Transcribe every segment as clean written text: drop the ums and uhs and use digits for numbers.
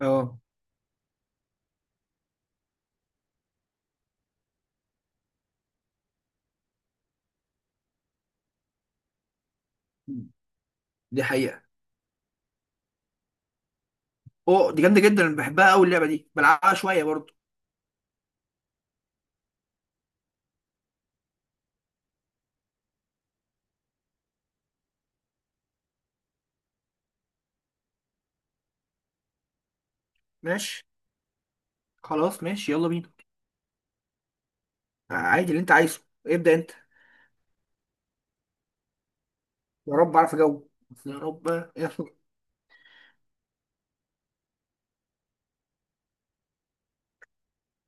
اه، دي حقيقة. اوه، دي جامدة جدا، أنا بحبها أوي اللعبة دي، بلعبها شوية برضو. ماشي. خلاص ماشي، يلا بينا. عادي، اللي انت عايزه. ابدأ انت. يا رب اعرف اجاوب. يا رب يا رب.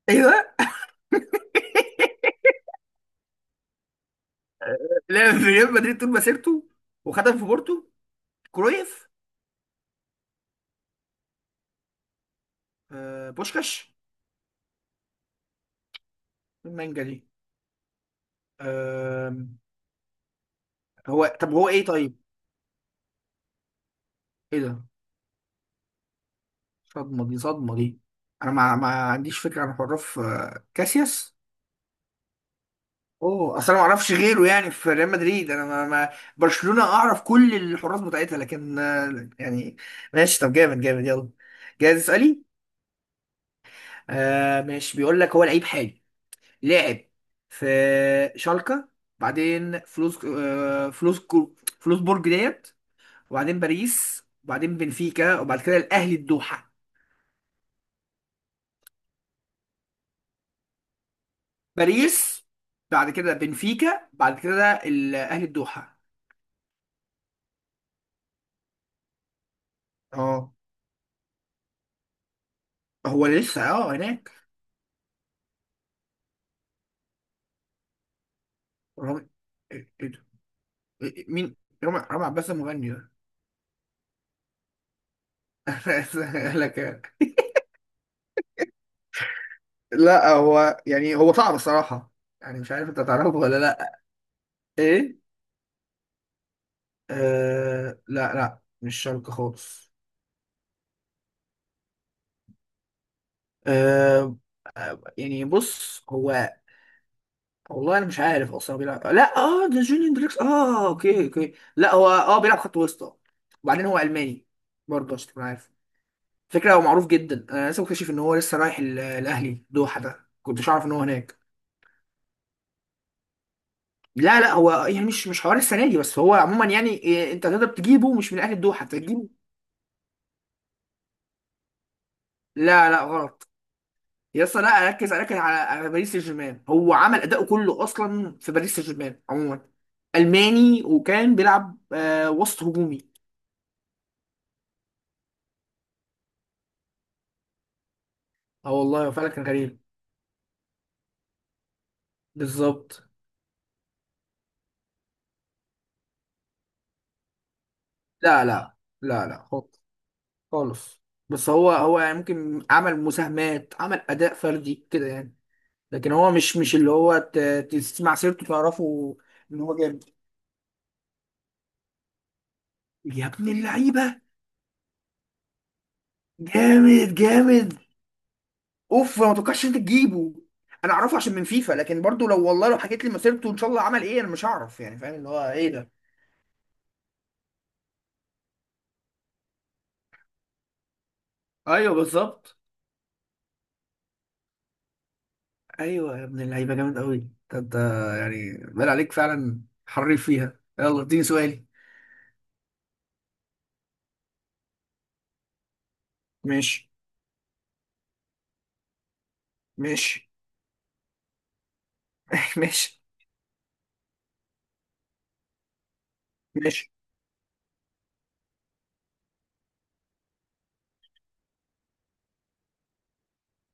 ايه ده؟ لعب في ريال مدريد طول مسيرته وخدم في بورتو. كرويف. آه، بوشكاش. المانجا دي. آه. طب هو ايه طيب؟ ايه ده؟ صدمة دي، صدمة دي. انا ما عنديش فكرة عن حراف كاسياس. اوه، اصل انا ما اعرفش غيره يعني في ريال مدريد. انا ما. برشلونة اعرف كل الحراس بتاعتها، لكن يعني. ماشي. طب جامد جامد، يلا. جاهز، اسالي. آه، ماشي. بيقول لك هو لعيب حالي، لاعب في شالكة، بعدين فلوسبورج ديت، وبعدين باريس، وبعدين بنفيكا، وبعد كده الاهلي الدوحة. باريس، بعد كده بنفيكا، بعد كده الاهلي الدوحة. اه، هو لسه هناك. مين؟ رامي عباس المغني ده انا آسف أقول لك يعني. لا، هو يعني هو صعب الصراحه. يعني مش عارف انت تعرفه ولا لا. ايه. آه، لا لا، مش شرق خالص. آه يعني بص هو. والله انا مش عارف اصلا هو بيلعب. لا، اه ده جونيور دريكس. اه، اوكي اوكي. لا هو بيلعب خط وسط. وبعدين هو الماني برضه عشان تكون عارف. فكره هو معروف جدا. انا لسه مكتشف ان هو لسه رايح الاهلي دوحه ده، كنتش عارف ان هو هناك. لا لا، هو يعني مش حوار السنه دي، بس هو عموما يعني إيه، انت تقدر تجيبه مش من اهل الدوحه، انت تجيبه. لا لا غلط. يا اسطى، لا، ركز ركز على باريس سان جيرمان. هو عمل اداؤه كله اصلا في باريس سان جيرمان عموما. الماني، وكان بيلعب وسط هجومي. اه، والله فعلا كان غريب. بالظبط. لا لا لا لا خالص. خالص. بس هو يعني ممكن عمل مساهمات، عمل اداء فردي كده يعني. لكن هو مش اللي هو تسمع سيرته تعرفه ان هو جامد. يا ابن اللعيبه، جامد جامد. اوف، ما توقعش انت تجيبه. انا اعرفه عشان من فيفا، لكن برضو لو والله لو حكيت لي مسيرته ان شاء الله عمل ايه، انا مش هعرف يعني. فاهم اللي هو ايه ده. ايوه، بالظبط. ايوه يا ابن اللعيبه، جامد قوي. ده انت يعني بال عليك فعلا حريف فيها. يلا، اديني سؤالي. ماشي. ماشي. ماشي. ماشي.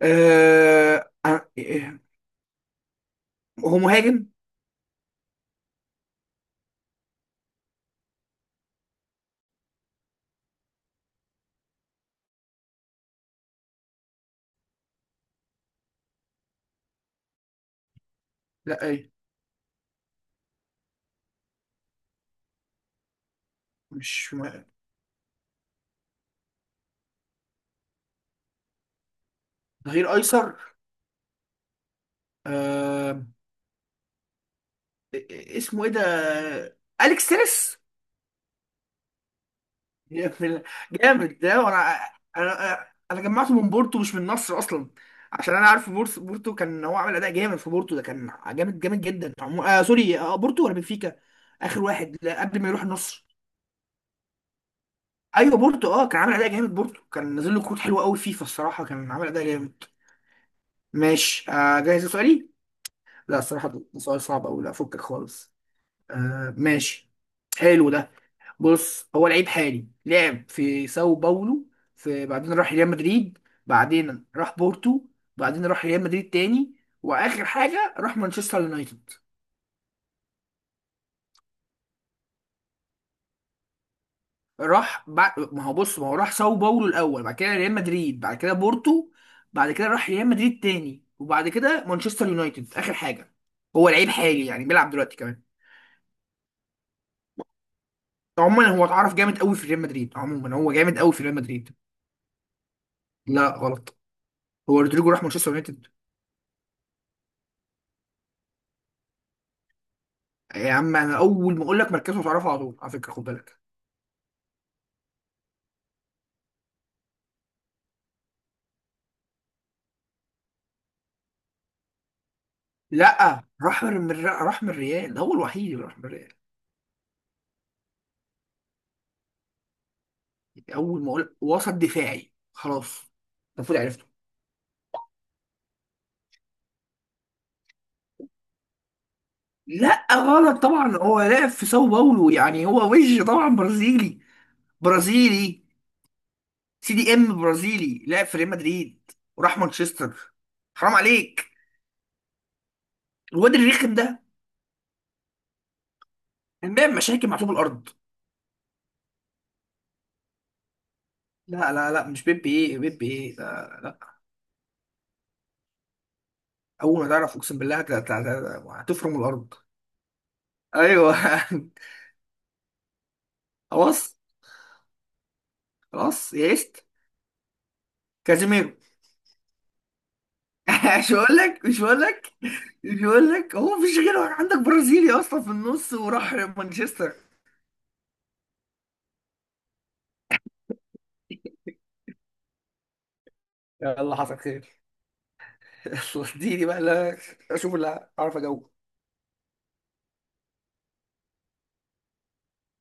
إيه، هو مهاجم؟ لا ايه، مش مهاجم. ظهير ايسر. أه... اسمه ايه ده؟ اليكس تيريس. جامد. جامد ده، وانا انا انا جمعته من بورتو مش من النصر اصلا. عشان انا عارف بورتو. بورتو كان هو عامل اداء جامد في بورتو، ده كان جامد جامد جدا. سوري، بورتو ولا بنفيكا؟ اخر واحد، لا، قبل ما يروح النصر. ايوه، بورتو. اه كان عامل اداء جامد. بورتو كان نازل له كروت حلوه قوي فيفا الصراحه. كان عامل اداء جامد. ماشي. جاهز لسؤالي. لا، الصراحه ده سؤال صعب قوي. لا، فكك خالص. آه، ماشي. حلو ده. بص، هو لعيب حالي، لعب في ساو باولو. بعدين راح ريال مدريد. بعدين راح بورتو. بعدين راح ريال مدريد تاني. واخر حاجه راح مانشستر يونايتد. راح بعد ما هو بص، ما هو راح ساو باولو الاول، بعد كده ريال مدريد، بعد كده بورتو. بعد كده راح ريال مدريد تاني، وبعد كده مانشستر يونايتد اخر حاجه. هو لعيب حالي يعني بيلعب دلوقتي كمان. عموما هو اتعرف جامد قوي في ريال مدريد. عموما هو جامد قوي في ريال مدريد. لا غلط. هو رودريجو راح مانشستر يونايتد. يا عم انا اول ما اقول لك مركزه هتعرفه على طول، على فكره خد بالك. لا، راح راح من الريال. هو الوحيد اللي راح من الريال. اول ما اقول وسط دفاعي خلاص المفروض عرفته. لا غلط طبعا. هو لاعب في ساو باولو، يعني هو وجه طبعا برازيلي. برازيلي. CDM برازيلي لاعب في ريال مدريد وراح مانشستر. حرام عليك. الواد الرخم ده كان بيعمل مشاكل مع طوب الارض. لا لا لا، مش بيب ايه، بيب ايه لا، لا. اول ما تعرف اقسم بالله هتفرم الارض. ايوه. خلاص. خلاص يئست. كازيميرو. مش هقول لك، مش هقول لك. مش هقول لك، هو مفيش غيره عندك برازيلي اصلا في النص وراح مانشستر. يلا، حصل خير. يلا اديني بقى. لا، اشوف اللي اعرف اجاوب.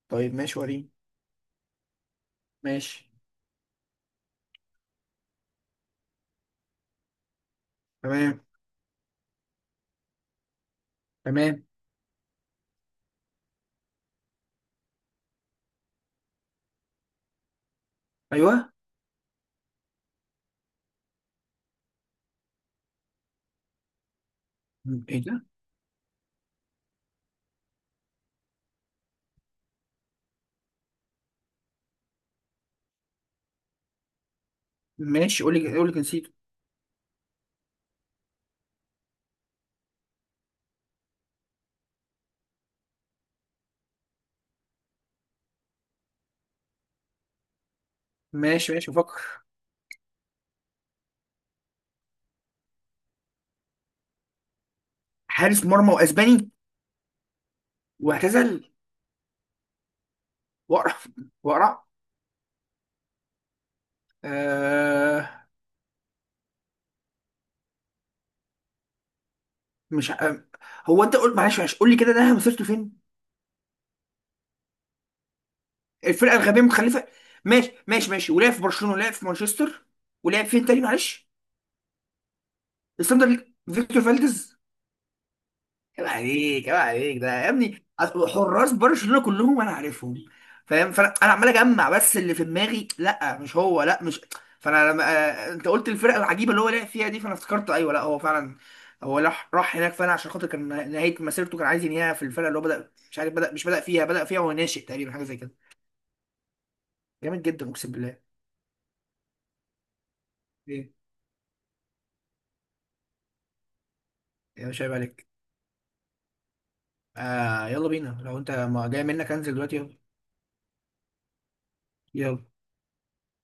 طيب ماشي، وريني. ماشي. تمام. تمام. ايوه. ايه ده. ماشي، قول لي، قول لي نسيته. ماشي ماشي، بفكر. حارس مرمى واسباني، واعتزل، واقرع، واقرع. آه. مش ع- آه، هو انت قول، معلش معلش، قول لي كده ده مسيرته فين. الفرقه الغبيه متخلفه. ماشي ماشي ماشي، ولعب في برشلونه ولعب في مانشستر. ولعب فين تاني معلش؟ الساندر ليج. فيكتور فالديز. عيب عليك، عيب عليك ده يا ابني. حراس برشلونه كلهم انا عارفهم، فاهم؟ فانا عمال اجمع بس اللي في دماغي، لا مش هو، لا مش. فانا لما انت قلت الفرقه العجيبه اللي هو لعب فيها دي، فانا افتكرت ايوه، لا، هو فعلا هو راح هناك فعلا، عشان خاطر كان نهايه مسيرته كان عايز ينهيها في الفرقه اللي هو بدا، مش عارف بدا مش بدا فيها، بدا فيها وهو ناشئ تقريبا حاجه زي كده. جامد جدا اقسم بالله. ايه يا باشا، عيب عليك. آه، يلا بينا. لو انت ما جاي منك، انزل دلوقتي. يلا، يلا.